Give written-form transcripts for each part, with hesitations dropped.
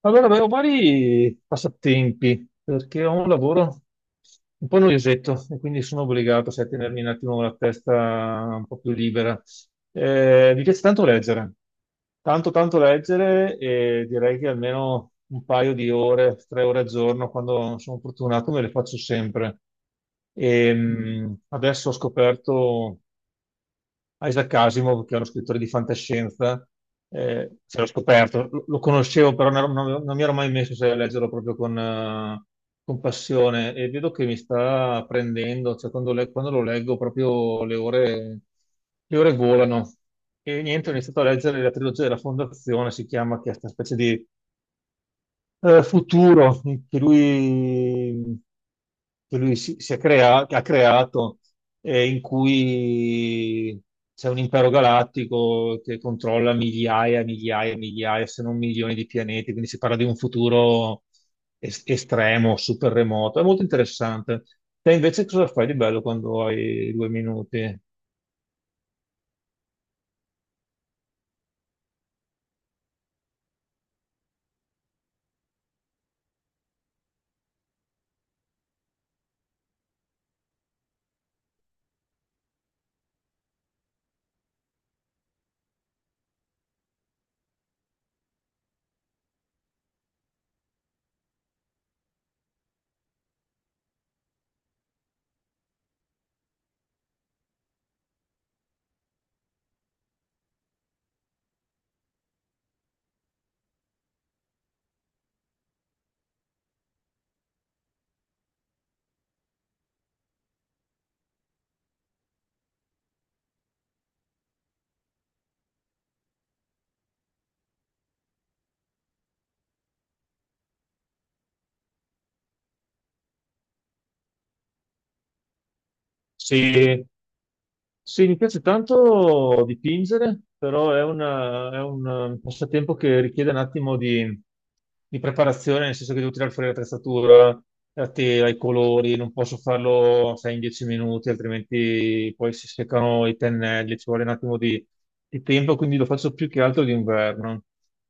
Allora, avevo vari passatempi perché ho un lavoro un po' noiosetto e quindi sono obbligato, sai, a tenermi un attimo la testa un po' più libera. Mi piace tanto leggere, tanto tanto leggere e direi che almeno un paio di ore, 3 ore al giorno, quando sono fortunato, me le faccio sempre. E adesso ho scoperto Isaac Asimov, che è uno scrittore di fantascienza. Ce l'ho scoperto, lo conoscevo, però non mi ero mai messo, sai, a leggerlo proprio con passione e vedo che mi sta prendendo, cioè quando, quando lo leggo proprio le ore volano. E niente, ho iniziato a leggere la trilogia della Fondazione, si chiama, che è questa specie di futuro che lui, che lui che ha creato, in cui c'è un impero galattico che controlla migliaia, migliaia, migliaia, se non milioni di pianeti, quindi si parla di un futuro estremo, super remoto. È molto interessante. Te invece cosa fai di bello quando hai 2 minuti? Sì, sì, mi piace tanto dipingere, però è un passatempo che richiede un attimo di preparazione, nel senso che devo tirare fuori l'attrezzatura, la tela, i colori, non posso farlo, sai, in 10 minuti, altrimenti poi si seccano i pennelli, ci vuole un attimo di tempo, quindi lo faccio più che altro d'inverno.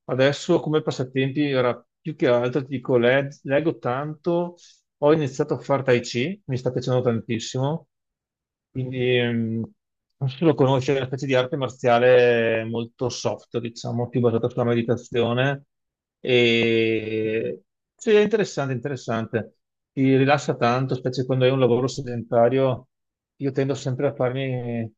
Adesso come passatempi era più che altro, ti dico, leggo tanto, ho iniziato a fare Tai Chi, mi sta piacendo tantissimo. Quindi non so se lo conosci, è una specie di arte marziale molto soft, diciamo, più basata sulla meditazione. E sì, è interessante, interessante. Ti rilassa tanto, specie quando hai un lavoro sedentario. Io tendo sempre a farmi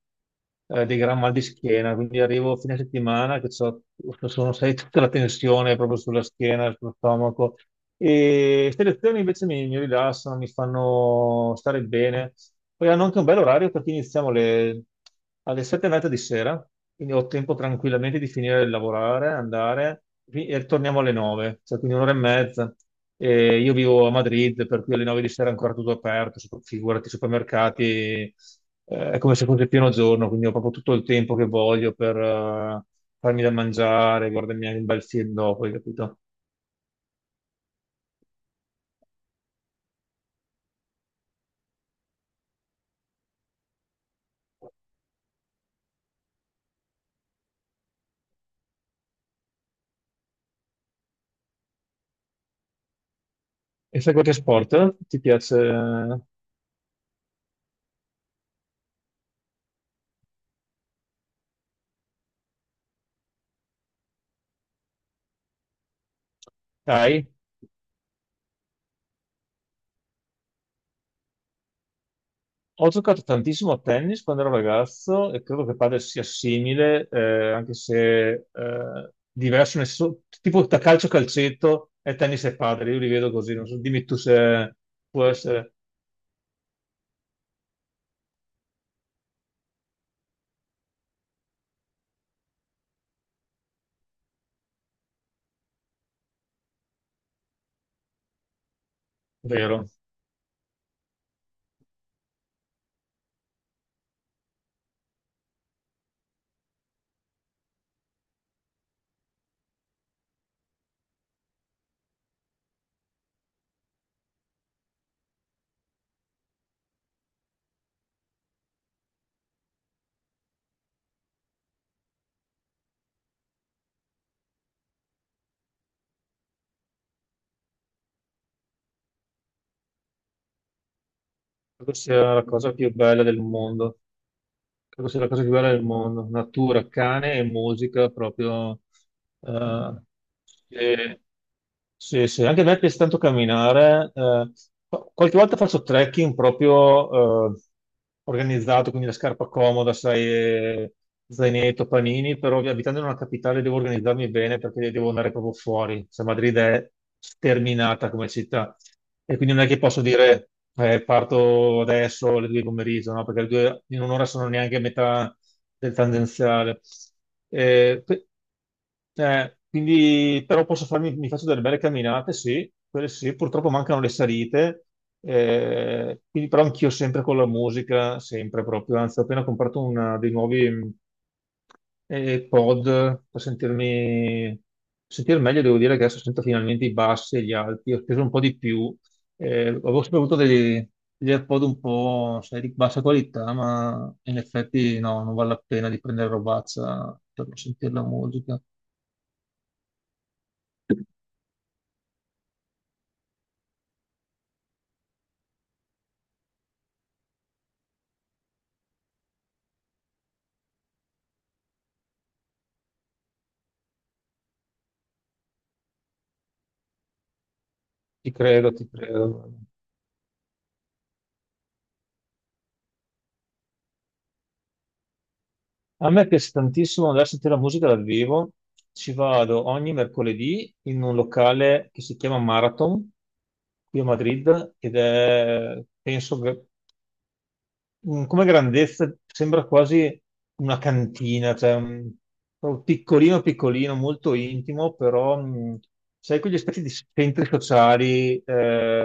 dei gran mal di schiena, quindi arrivo a fine settimana che sono, sai, tutta la tensione proprio sulla schiena, sullo stomaco. E queste lezioni invece mi rilassano, mi fanno stare bene. Poi hanno anche un bel orario perché iniziamo alle 7 e mezza di sera, quindi ho tempo tranquillamente di finire di lavorare, andare e torniamo alle 9, cioè quindi un'ora e mezza. E io vivo a Madrid, per cui alle 9 di sera è ancora tutto aperto, figurati, i supermercati, è come se fosse pieno giorno, quindi ho proprio tutto il tempo che voglio per farmi da mangiare, guardarmi anche un bel film dopo, hai capito? E fai qualche sport? Ti piace? Dai. Ho giocato tantissimo a tennis quando ero ragazzo e credo che padel sia simile, anche se diverso, nel senso, tipo da calcio calcetto e tennis e padel, io li vedo così, non so, dimmi tu se può essere vero. Credo sia la cosa più bella del mondo, credo sia la cosa più bella del mondo, natura, cane e musica proprio eh, che Sì, sì, anche a me piace tanto camminare. Qualche volta faccio trekking proprio organizzato, quindi la scarpa comoda, sai, zainetto, panini, però abitando in una capitale devo organizzarmi bene perché devo andare proprio fuori. Cioè, Madrid è sterminata come città e quindi non è che posso dire parto adesso alle 2 di pomeriggio, no? Perché le 2 in un'ora sono neanche a metà del tangenziale. Eh, quindi però posso farmi, mi faccio delle belle camminate, sì, quelle sì, purtroppo mancano le salite, quindi però anch'io sempre con la musica, sempre proprio, anzi ho appena comprato dei nuovi pod per sentirmi sentire meglio, devo dire che adesso sento finalmente i bassi e gli alti, ho speso un po' di più, avevo sempre avuto degli AirPod un po', sai, di bassa qualità, ma in effetti no, non vale la pena di prendere robazza per non sentire la musica. Ti credo, ti credo. A me piace tantissimo andare a sentire la musica dal vivo. Ci vado ogni mercoledì in un locale che si chiama Marathon qui a Madrid ed è, penso, come grandezza sembra quasi una cantina, cioè proprio piccolino piccolino, molto intimo, però sai quegli aspetti di centri sociali,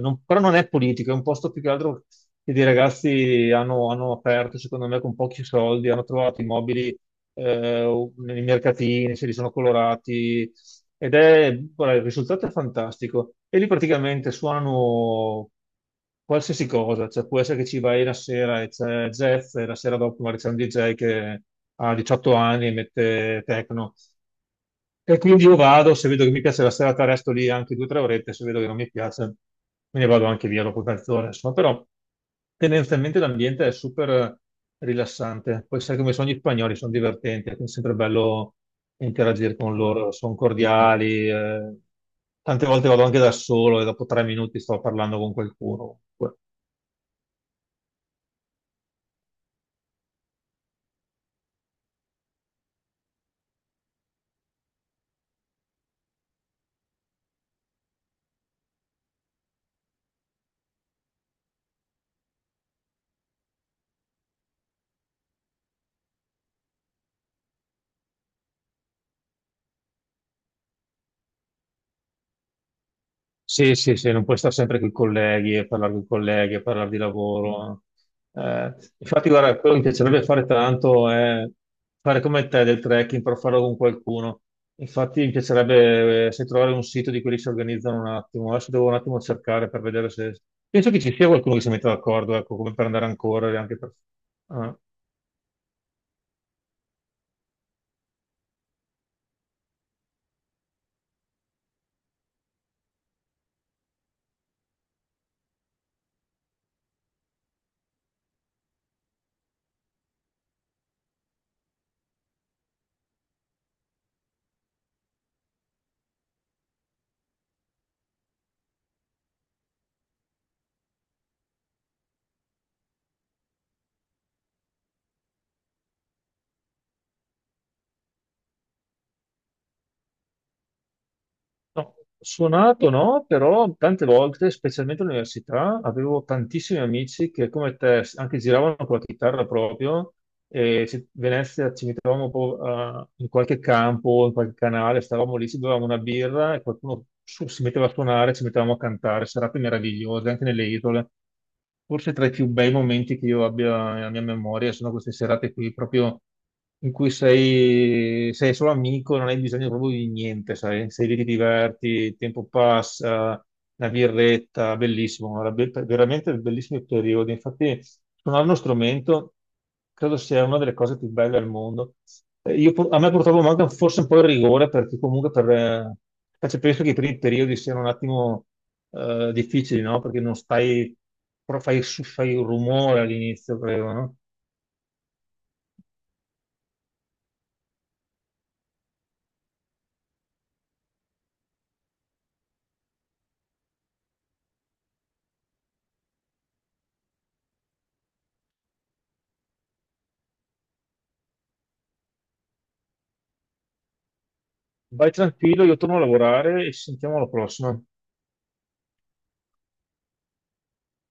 però non è politico, è un posto più che altro che dei ragazzi hanno aperto, secondo me, con pochi soldi, hanno trovato i mobili nei mercatini, se li sono colorati, ed è, guarda, il risultato è fantastico. E lì praticamente suonano qualsiasi cosa, cioè può essere che ci vai la sera e c'è Jeff e la sera dopo magari c'è un DJ che ha 18 anni e mette techno, e quindi io vado, se vedo che mi piace la serata, resto lì anche 2 o 3 orette, se vedo che non mi piace, me ne vado anche via dopo mezz'ora. Insomma, però tendenzialmente l'ambiente è super rilassante. Poi sai come sono gli spagnoli, sono divertenti, quindi è sempre bello interagire con loro, sono cordiali. Tante volte vado anche da solo e dopo 3 minuti sto parlando con qualcuno. Sì, sì, sì, non puoi stare sempre con i colleghi e parlare con i colleghi e parlare di lavoro. Infatti, guarda, quello che mi piacerebbe fare tanto è fare come te del trekking, però farlo con qualcuno. Infatti, mi piacerebbe se trovare un sito di quelli che si organizzano un attimo. Adesso devo un attimo cercare per vedere se... Penso che ci sia qualcuno che si metta d'accordo, ecco, come per andare a correre, anche per... eh, No, suonato no, però tante volte, specialmente all'università, avevo tantissimi amici che come te anche giravano con la chitarra proprio e Venezia ci mettevamo in qualche campo, in qualche canale, stavamo lì, ci bevevamo una birra e qualcuno si metteva a suonare, ci mettevamo a cantare, serate meravigliose anche nelle isole. Forse tra i più bei momenti che io abbia nella mia memoria sono queste serate qui, proprio in cui sei solo amico, non hai bisogno proprio di niente, sai? Sei lì, ti diverti, il tempo passa, la birretta, bellissimo, guarda, veramente bellissimi periodi. Infatti. Suonare uno strumento credo sia una delle cose più belle al mondo. A me purtroppo manca forse un po' il rigore perché comunque per, cioè, penso che i primi periodi siano un attimo difficili, no? Perché non stai, però fai un rumore all'inizio, credo, no? Vai tranquillo, io torno a lavorare e ci sentiamo alla prossima.